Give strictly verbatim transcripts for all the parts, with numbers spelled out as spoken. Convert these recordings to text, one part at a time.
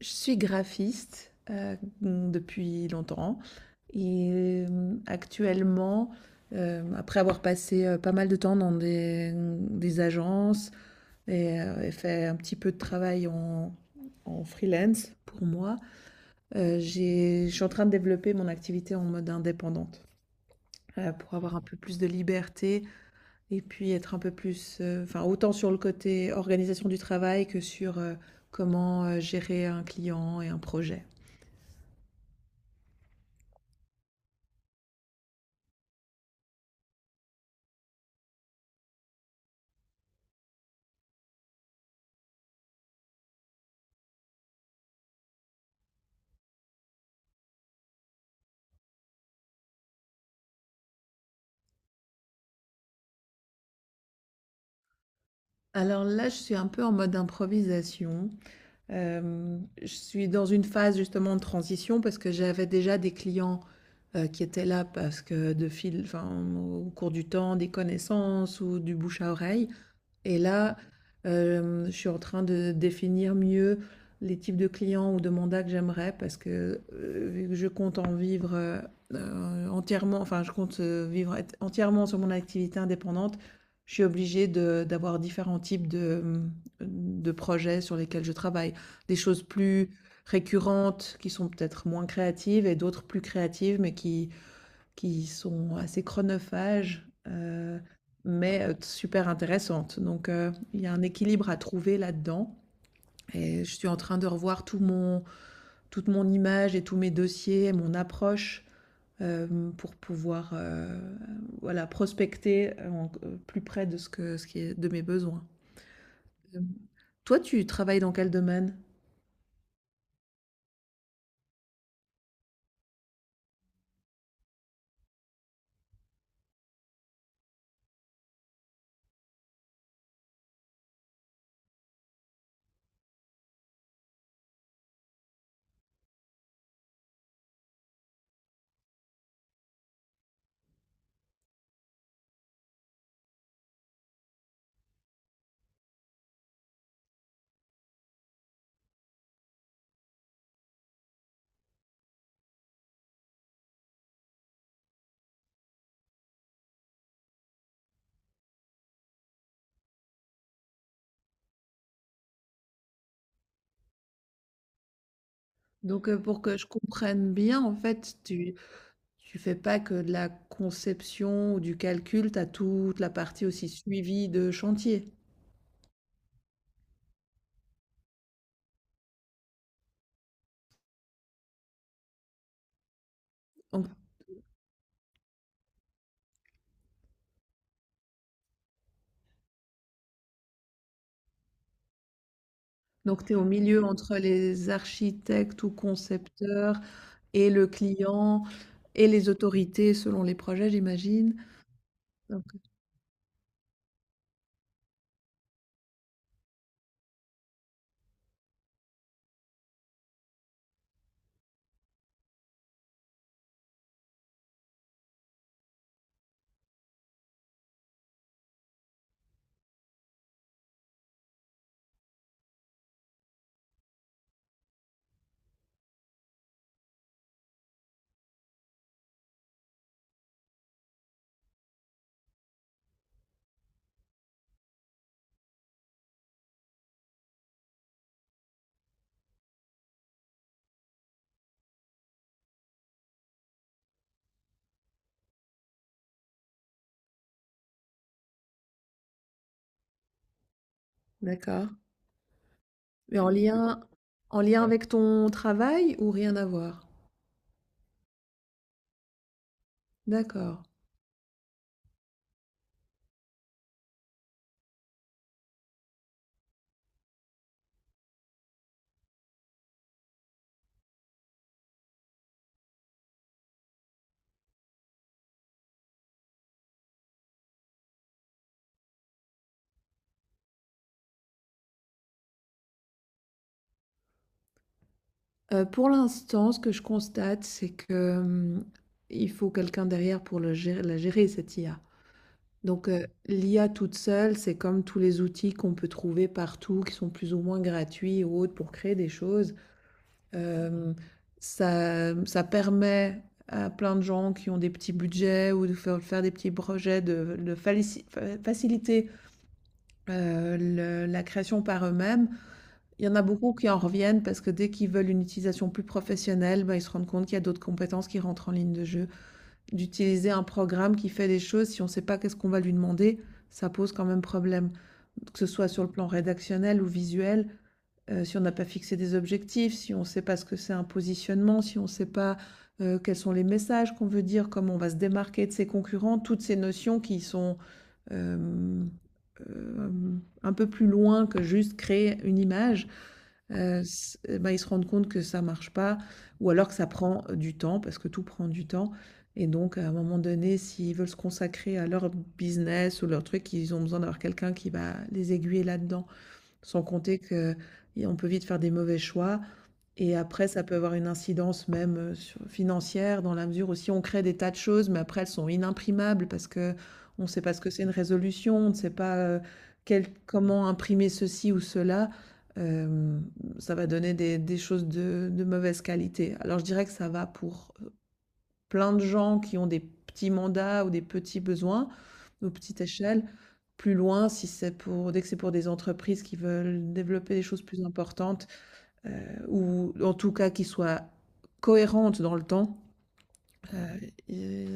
Je suis graphiste euh, depuis longtemps et euh, actuellement, euh, après avoir passé euh, pas mal de temps dans des, des agences et, euh, et fait un petit peu de travail en, en freelance pour moi, euh, j'ai- je suis en train de développer mon activité en mode indépendante euh, pour avoir un peu plus de liberté et puis être un peu plus, euh, enfin autant sur le côté organisation du travail que sur euh, comment euh, gérer un client et un projet. Alors là, je suis un peu en mode improvisation. Hem, je suis dans une phase justement de transition parce que j'avais déjà des clients, heu, qui étaient là parce que de fil enfin, au cours du temps, des connaissances ou du bouche à oreille. Et là, euh, je suis en train de définir mieux les types de clients ou de mandats que j'aimerais parce que euh, vu que je compte en vivre euh, euh, entièrement, enfin, je compte euh, vivre être entièrement sur mon activité indépendante, je suis obligée de- d'avoir différents types de, de projets sur lesquels je travaille. Des choses plus récurrentes qui sont peut-être moins créatives et d'autres plus créatives mais qui qui sont assez chronophages, heu, mais euh, super intéressantes. Donc heu, il y a un équilibre à trouver là-dedans et je suis en train de revoir tout mon toute mon image et tous mes dossiers, mon approche, hem, pour pouvoir, heu, voilà, prospecter en q plus près de ce que ce qui est de mes besoins. Hem, toi, tu travailles dans quel domaine? Donc heu, pour que je comprenne bien, en fait, tu tu fais pas que de la conception ou du calcul, tu as toute la partie aussi suivie de chantier. Donc, donc tu es au milieu entre les architectes ou concepteurs et le client et les autorités selon les projets, j'imagine. Donc, D'accord. Mais en lien, en lien, ouais, avec ton travail ou rien à voir? D'accord. Euh, pour l'instant, ce que je constate, c'est que hum, il faut quelqu'un derrière pour le gérer- la gérer, cette I A. Donc, heu, l'I A toute seule, c'est comme tous les outils qu'on peut trouver partout, qui sont plus ou moins gratuits ou autres pour créer des choses. Hem, ça ça permet à plein de gens qui ont des petits budgets ou de faire faire des petits projets de de falici fa faciliter, heu, le la création par eux-mêmes. Il y en a beaucoup qui en reviennent parce que dès qu'ils veulent une utilisation plus professionnelle, bah, ils se rendent compte qu'il y a d'autres compétences qui rentrent en ligne de jeu d'utiliser un programme qui fait des choses si on ne sait pas qu'est-ce qu'on va lui demander, ça pose quand même problème. Que ce soit sur le plan rédactionnel ou visuel, euh, si on n'a pas fixé des objectifs, si on ne sait pas ce que c'est un positionnement, si on ne sait pas euh, quels sont les messages qu'on veut dire, comment on va se démarquer de ses concurrents, toutes ces notions qui sont euh, euh, un peu plus loin que juste créer une image, heu, s bah, ils se rendent compte que ça marche pas ou alors que ça prend du temps parce que tout prend du temps et donc à un moment donné, s'ils veulent se consacrer à leur business ou leur truc, ils ont besoin d'avoir quelqu'un qui va les aiguiller là-dedans. Sans compter qu'on peut vite faire des mauvais choix et après, ça peut avoir une incidence même euh, sur- financière, dans la mesure où si on crée des tas de choses, mais après elles sont inimprimables parce que on ne sait pas ce que c'est une résolution, on ne sait pas euh, quel- comment imprimer ceci ou cela, euh, ça va donner des, des choses de, de mauvaise qualité. Alors je dirais que ça va pour euh, plein de gens qui ont des petits mandats ou des petits besoins, ou petite échelle. Plus loin, si c'est pour, dès que c'est pour des entreprises qui veulent développer des choses plus importantes, heu, ou en tout cas qui soit cohérente dans le temps. Heu,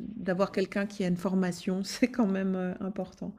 d'avoir quelqu'un qui a une formation, c'est quand même, heu, important.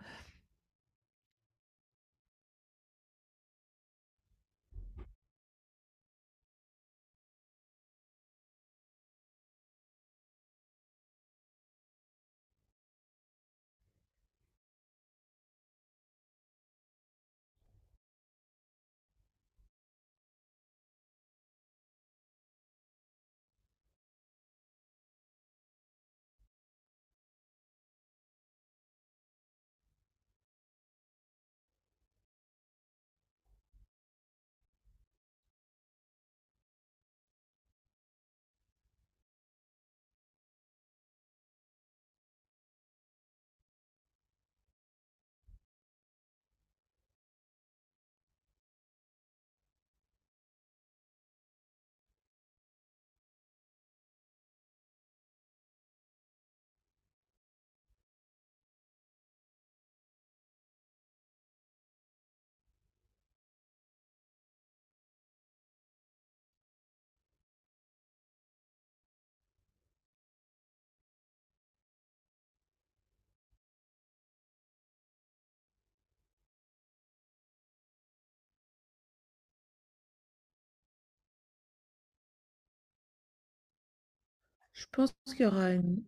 Je pense qu'il y aura une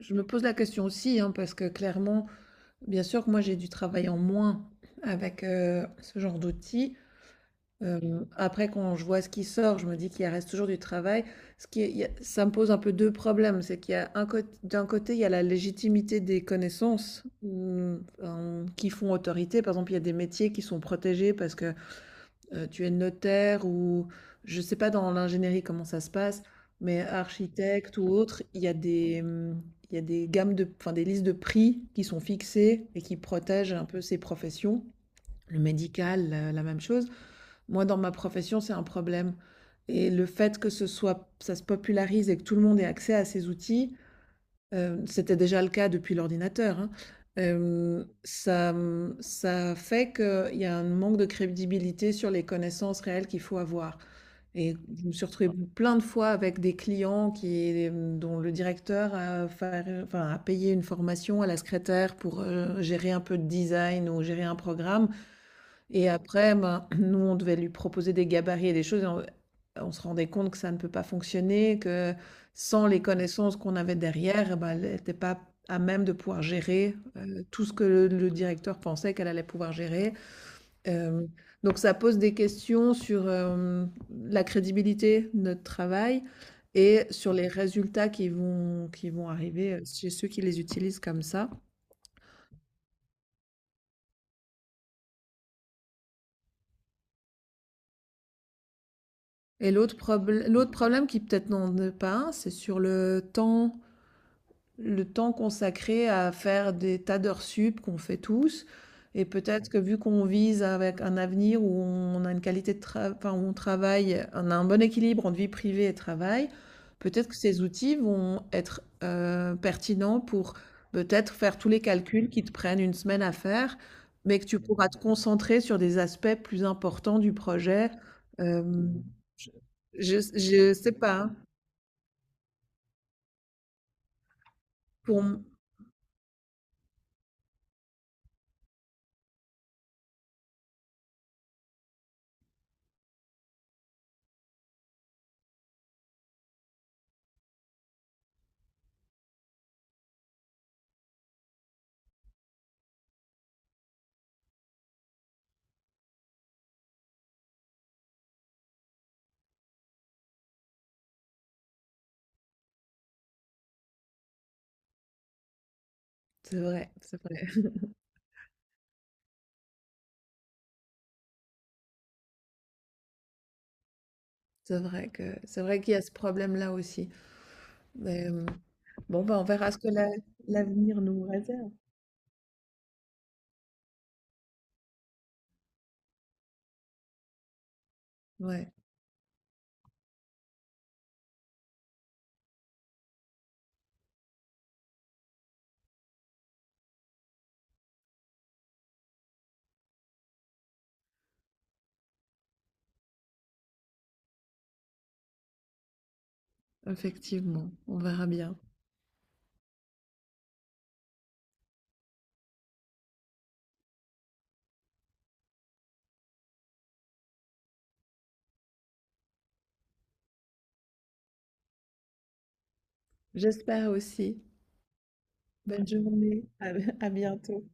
Je me pose la question aussi, hein, parce que clairement, bien sûr que moi j'ai dû travailler en moins avec, heu, ce genre d'outils. Hem, après quand je vois ce qui sort, je me dis qu'il reste toujours du travail. Ce qui est il y a Ça me pose un peu deux problèmes, c'est qu'il y a un côt d'un côté, il y a la légitimité des connaissances, mmh, hem, qui font autorité. Par exemple, il y a des métiers qui sont protégés parce que, heu, tu es notaire ou je ne sais pas dans l'ingénierie comment ça se passe, mais architecte ou autre, il y a des, mmh, il y a des gammes de enfin des listes de prix qui sont fixées et qui protègent un peu ces professions. Le médical, heu, la même chose. Moi, dans ma profession, c'est un problème et le fait que ce soit ça se popularise et que tout le monde ait accès à ces outils, heu, c'était déjà le cas depuis l'ordinateur, hein, hem, ça, mmh, ça fait qu'il y a un manque de crédibilité sur les connaissances réelles qu'il faut avoir et je me suis retrouvée, ouais, plein de fois avec des clients qui, mmh, dont le directeur a faire, enfin, a payé une formation à la secrétaire pour, heu, gérer un peu de design ou gérer un programme et après, ben, nous, on devait lui proposer des gabarits et des choses. Et on, on se rendait compte que ça ne peut pas fonctionner, que sans les connaissances qu'on avait derrière, eh ben, elle n'était pas à même de pouvoir gérer euh, tout ce que le, le directeur pensait qu'elle allait pouvoir gérer. Euh, donc ça pose des questions sur euh, la crédibilité de notre travail et sur les résultats qui vont, qui vont arriver euh, chez ceux qui les utilisent comme ça. Et l'autre probl- l'autre problème qui peut-être n'en est pas un, c'est sur le temps. Le temps consacré à faire des tas d'heures sup qu'on fait tous. Et peut-être que vu qu'on vise avec un avenir où on a une qualité de travail, enfin, où on travaille, on a un bon équilibre entre vie privée et travail, peut-être que ces outils vont être euh, pertinents pour peut-être faire tous les calculs qui te prennent une semaine à faire, mais que tu pourras te concentrer sur des aspects plus importants du projet. Euh, je, je sais pas, hein. Pour... m- C'est vrai, c'est vrai. C'est vrai que c'est vrai qu'il y a ce problème-là aussi. Mais, hem, bon, bah, on verra ce que la l'avenir nous réserve. Ouais, effectivement, on verra bien. J'espère aussi. Bonne journée, à à bientôt.